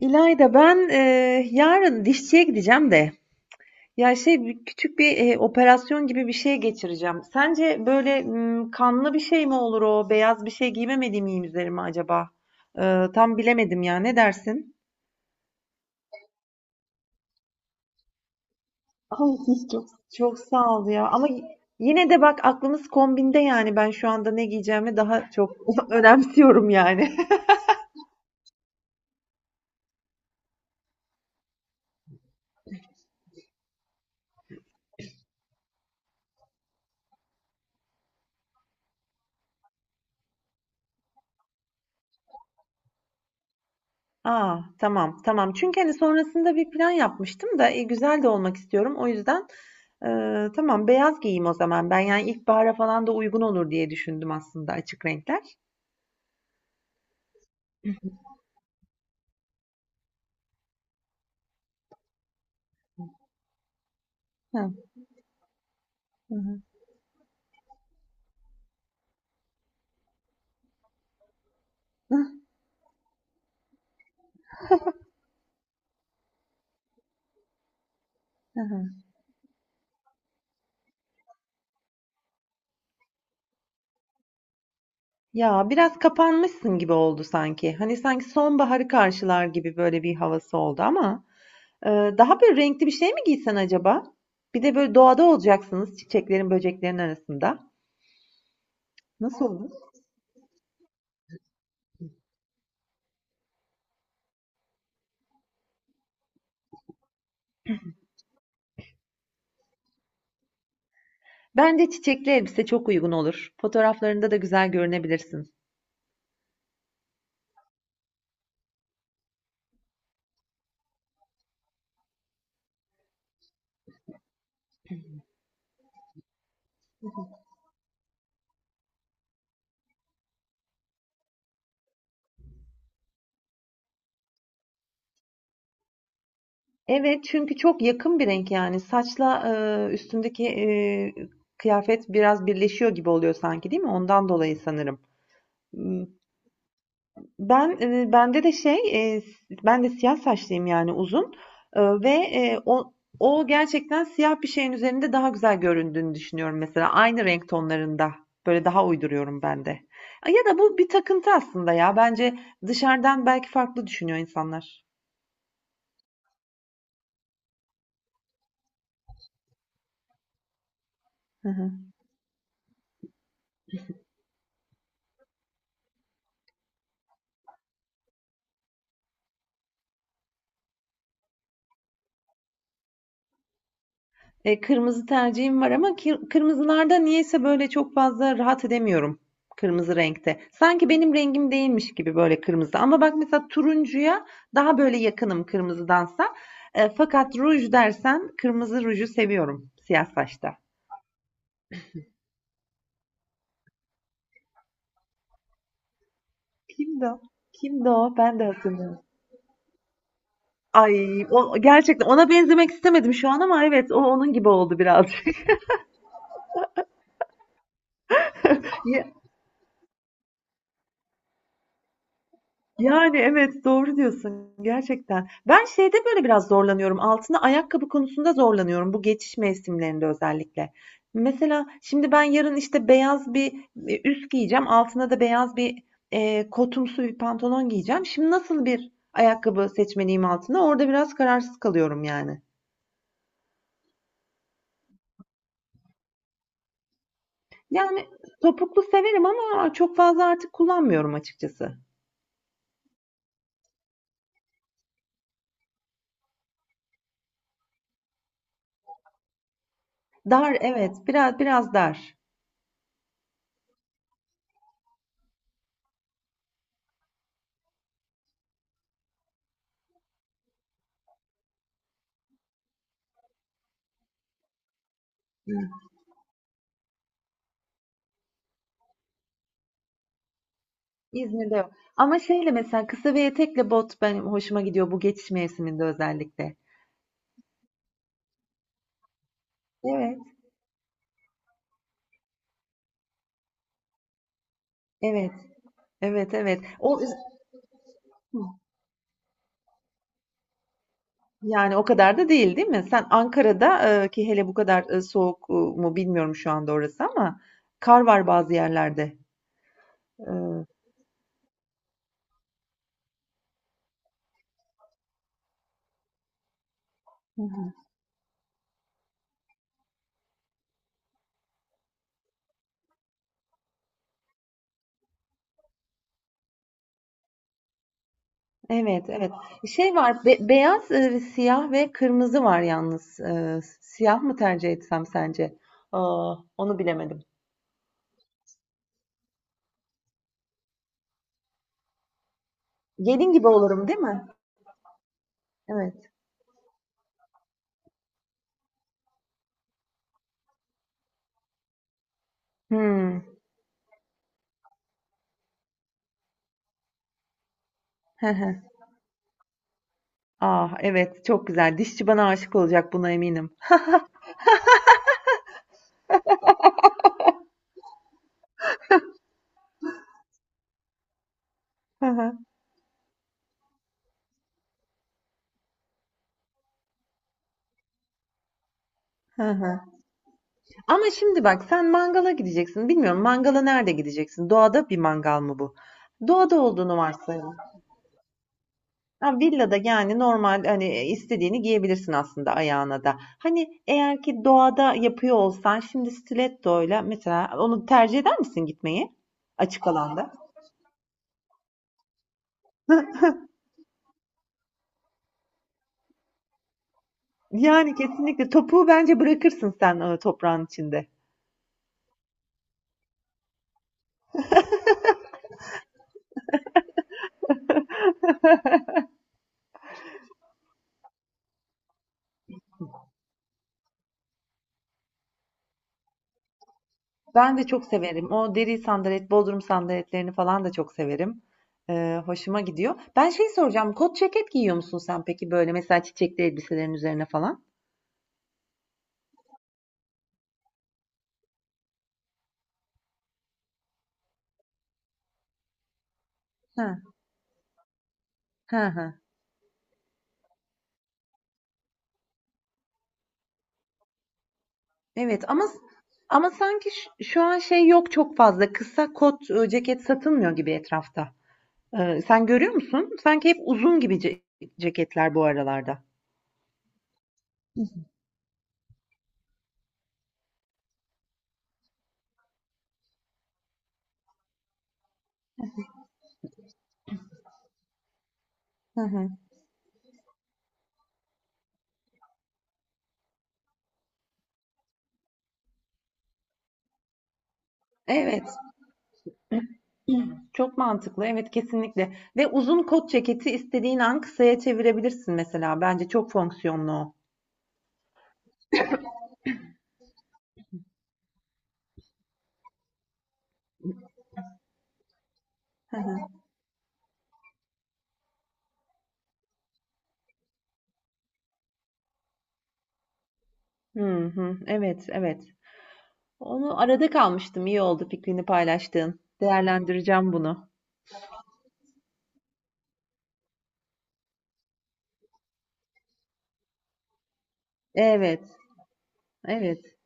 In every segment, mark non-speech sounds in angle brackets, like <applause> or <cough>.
İlayda, yarın dişçiye gideceğim de ya şey bir- küçük bir operasyon gibi bir şey geçireceğim. Sence kanlı bir şey mi olur o? Beyaz bir şey giymemediğim iyi mi üzerime acaba? Tam bilemedim ya. Ne dersin? Ay, çok çok sağ ol ya. Ama yine de bak aklımız kombinde yani ben şu anda ne giyeceğimi daha çok <laughs> önemsiyorum yani. Aa, tamam, tamam. Çünkü hani sonrasında bir plan yapmıştım da, güzel de olmak istiyorum. O yüzden, tamam beyaz giyeyim o zaman ben. Yani ilkbahara falan da uygun olur diye düşündüm aslında açık renkler. Hıh. Hı hı. Hı hı. Ya, biraz kapanmışsın gibi oldu sanki. Hani sanki sonbaharı karşılar gibi böyle bir havası oldu ama daha böyle renkli bir şey mi giysen acaba? Bir de böyle doğada olacaksınız, çiçeklerin, böceklerin arasında. Nasıl olur? Bence çiçekli elbise çok uygun olur. Fotoğraflarında da güzel görünebilirsin. Evet, çünkü çok yakın bir renk yani. Saçla üstündeki kıyafet biraz birleşiyor gibi oluyor sanki, değil mi? Ondan dolayı sanırım. Hmm. Ben, eee, bende de şey, eee, Ben de siyah saçlıyım, yani uzun, ve o gerçekten siyah bir şeyin üzerinde daha güzel göründüğünü düşünüyorum mesela. Aynı renk tonlarında. Böyle daha uyduruyorum ben de. Ya da bu bir takıntı aslında ya. Bence dışarıdan belki farklı düşünüyor insanlar. Hı hı. Kırmızı tercihim var ama kırmızılarda niyeyse böyle çok fazla rahat edemiyorum kırmızı renkte. Sanki benim rengim değilmiş gibi böyle kırmızı. Ama bak mesela turuncuya daha böyle yakınım kırmızıdansa. Fakat ruj dersen kırmızı ruju seviyorum siyah saçta. Kimdi o? Kimdi o? Ben de hatırlıyorum. Ay, o gerçekten ona benzemek istemedim şu an ama evet, o onun gibi oldu birazcık. <laughs> Yani evet, doğru diyorsun gerçekten. Ben şeyde böyle biraz zorlanıyorum, altına ayakkabı konusunda zorlanıyorum bu geçiş mevsimlerinde özellikle. Mesela şimdi ben yarın işte beyaz bir, üst giyeceğim, altına da beyaz bir, kotumsu bir pantolon giyeceğim. Şimdi nasıl bir ayakkabı seçmeliyim altına? Orada biraz kararsız kalıyorum yani. Yani topuklu severim ama çok fazla artık kullanmıyorum açıkçası. Dar, evet, biraz dar. İzmir'de yok. Ama şeyle mesela kısa ve etekle bot benim hoşuma gidiyor bu geçiş mevsiminde özellikle. Evet, evet, evet, evet. O yani o kadar da değil, değil mi? Sen Ankara'da ki hele bu kadar soğuk mu bilmiyorum şu anda orası ama kar var bazı yerlerde. E, Evet, evet. Şey var, beyaz, siyah ve kırmızı var yalnız. E, siyah mı tercih etsem sence? Aa, onu bilemedim. Gelin gibi olurum, değil mi? Evet. Hmm. <laughs> Ah, evet, çok güzel. Dişçi bana aşık olacak, buna eminim. Hı hı, hı hı. Ama şimdi bak, sen mangala gideceksin. Bilmiyorum, mangala nerede gideceksin? Doğada bir mangal mı bu? Doğada olduğunu varsayalım. Ha, villada yani normal, hani istediğini giyebilirsin aslında ayağına da. Hani eğer ki doğada yapıyor olsan şimdi stilettoyla mesela onu tercih eder misin gitmeyi? Açık alanda. <laughs> Yani kesinlikle topuğu bence bırakırsın sen toprağın içinde. Ben de çok severim. O deri sandalet, bodrum sandaletlerini falan da çok severim. Hoşuma gidiyor. Ben şey soracağım. Kot ceket giyiyor musun sen peki böyle mesela çiçekli elbiselerin üzerine falan? Ha, ha, ha. Evet ama sanki şu an şey yok çok fazla. Kısa kot ceket satılmıyor gibi etrafta. Sen görüyor musun? Sanki hep uzun gibi ceketler bu aralarda. Hı hı. Evet. Çok mantıklı. Evet, kesinlikle. Ve uzun kot ceketi istediğin an kısaya çevirebilirsin mesela. Bence çok fonksiyonlu o. Hı hı. Hı hı. Evet, evet. Onu arada kalmıştım. İyi oldu fikrini paylaştığın. Değerlendireceğim bunu. Evet, evet.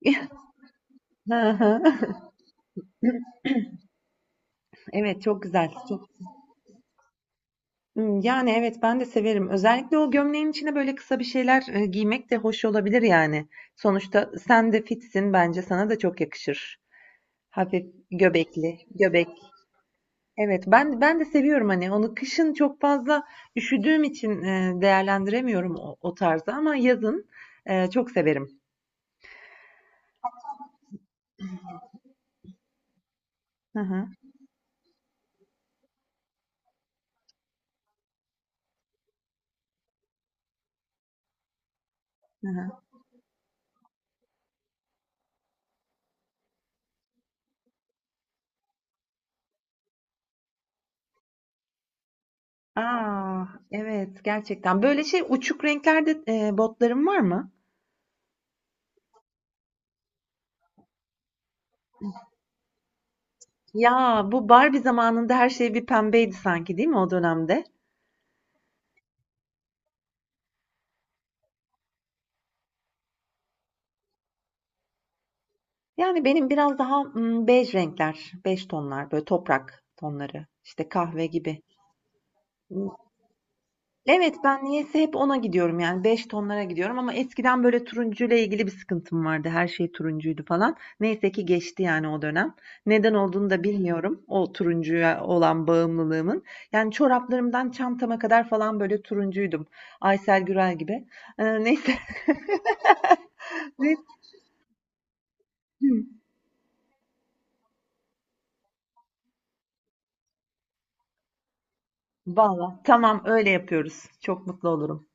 <laughs> Hı hı. Evet, çok güzel. Çok... Hmm, yani evet, ben de severim. Özellikle o gömleğin içine böyle kısa bir şeyler giymek de hoş olabilir yani. Sonuçta sen de fitsin, bence sana da çok yakışır. Hafif göbekli, göbek. Evet, ben de seviyorum hani onu, kışın çok fazla üşüdüğüm için değerlendiremiyorum o tarzı ama yazın çok severim. Hı hı, hı hı. Aa, evet, gerçekten. Böyle şey uçuk renklerde botlarım var mı? Ya bu Barbie zamanında her şey bir pembeydi sanki, değil mi o dönemde? Yani benim biraz daha bej renkler, bej tonlar, böyle toprak tonları, işte kahve gibi. Evet, ben niyeyse hep ona gidiyorum, yani 5 tonlara gidiyorum ama eskiden böyle turuncuyla ilgili bir sıkıntım vardı. Her şey turuncuydu falan. Neyse ki geçti yani o dönem. Neden olduğunu da bilmiyorum o turuncuya olan bağımlılığımın. Yani çoraplarımdan çantama kadar falan böyle turuncuydum. Aysel Gürel gibi. Neyse. <laughs> Neyse. Valla tamam, öyle yapıyoruz. Çok mutlu olurum.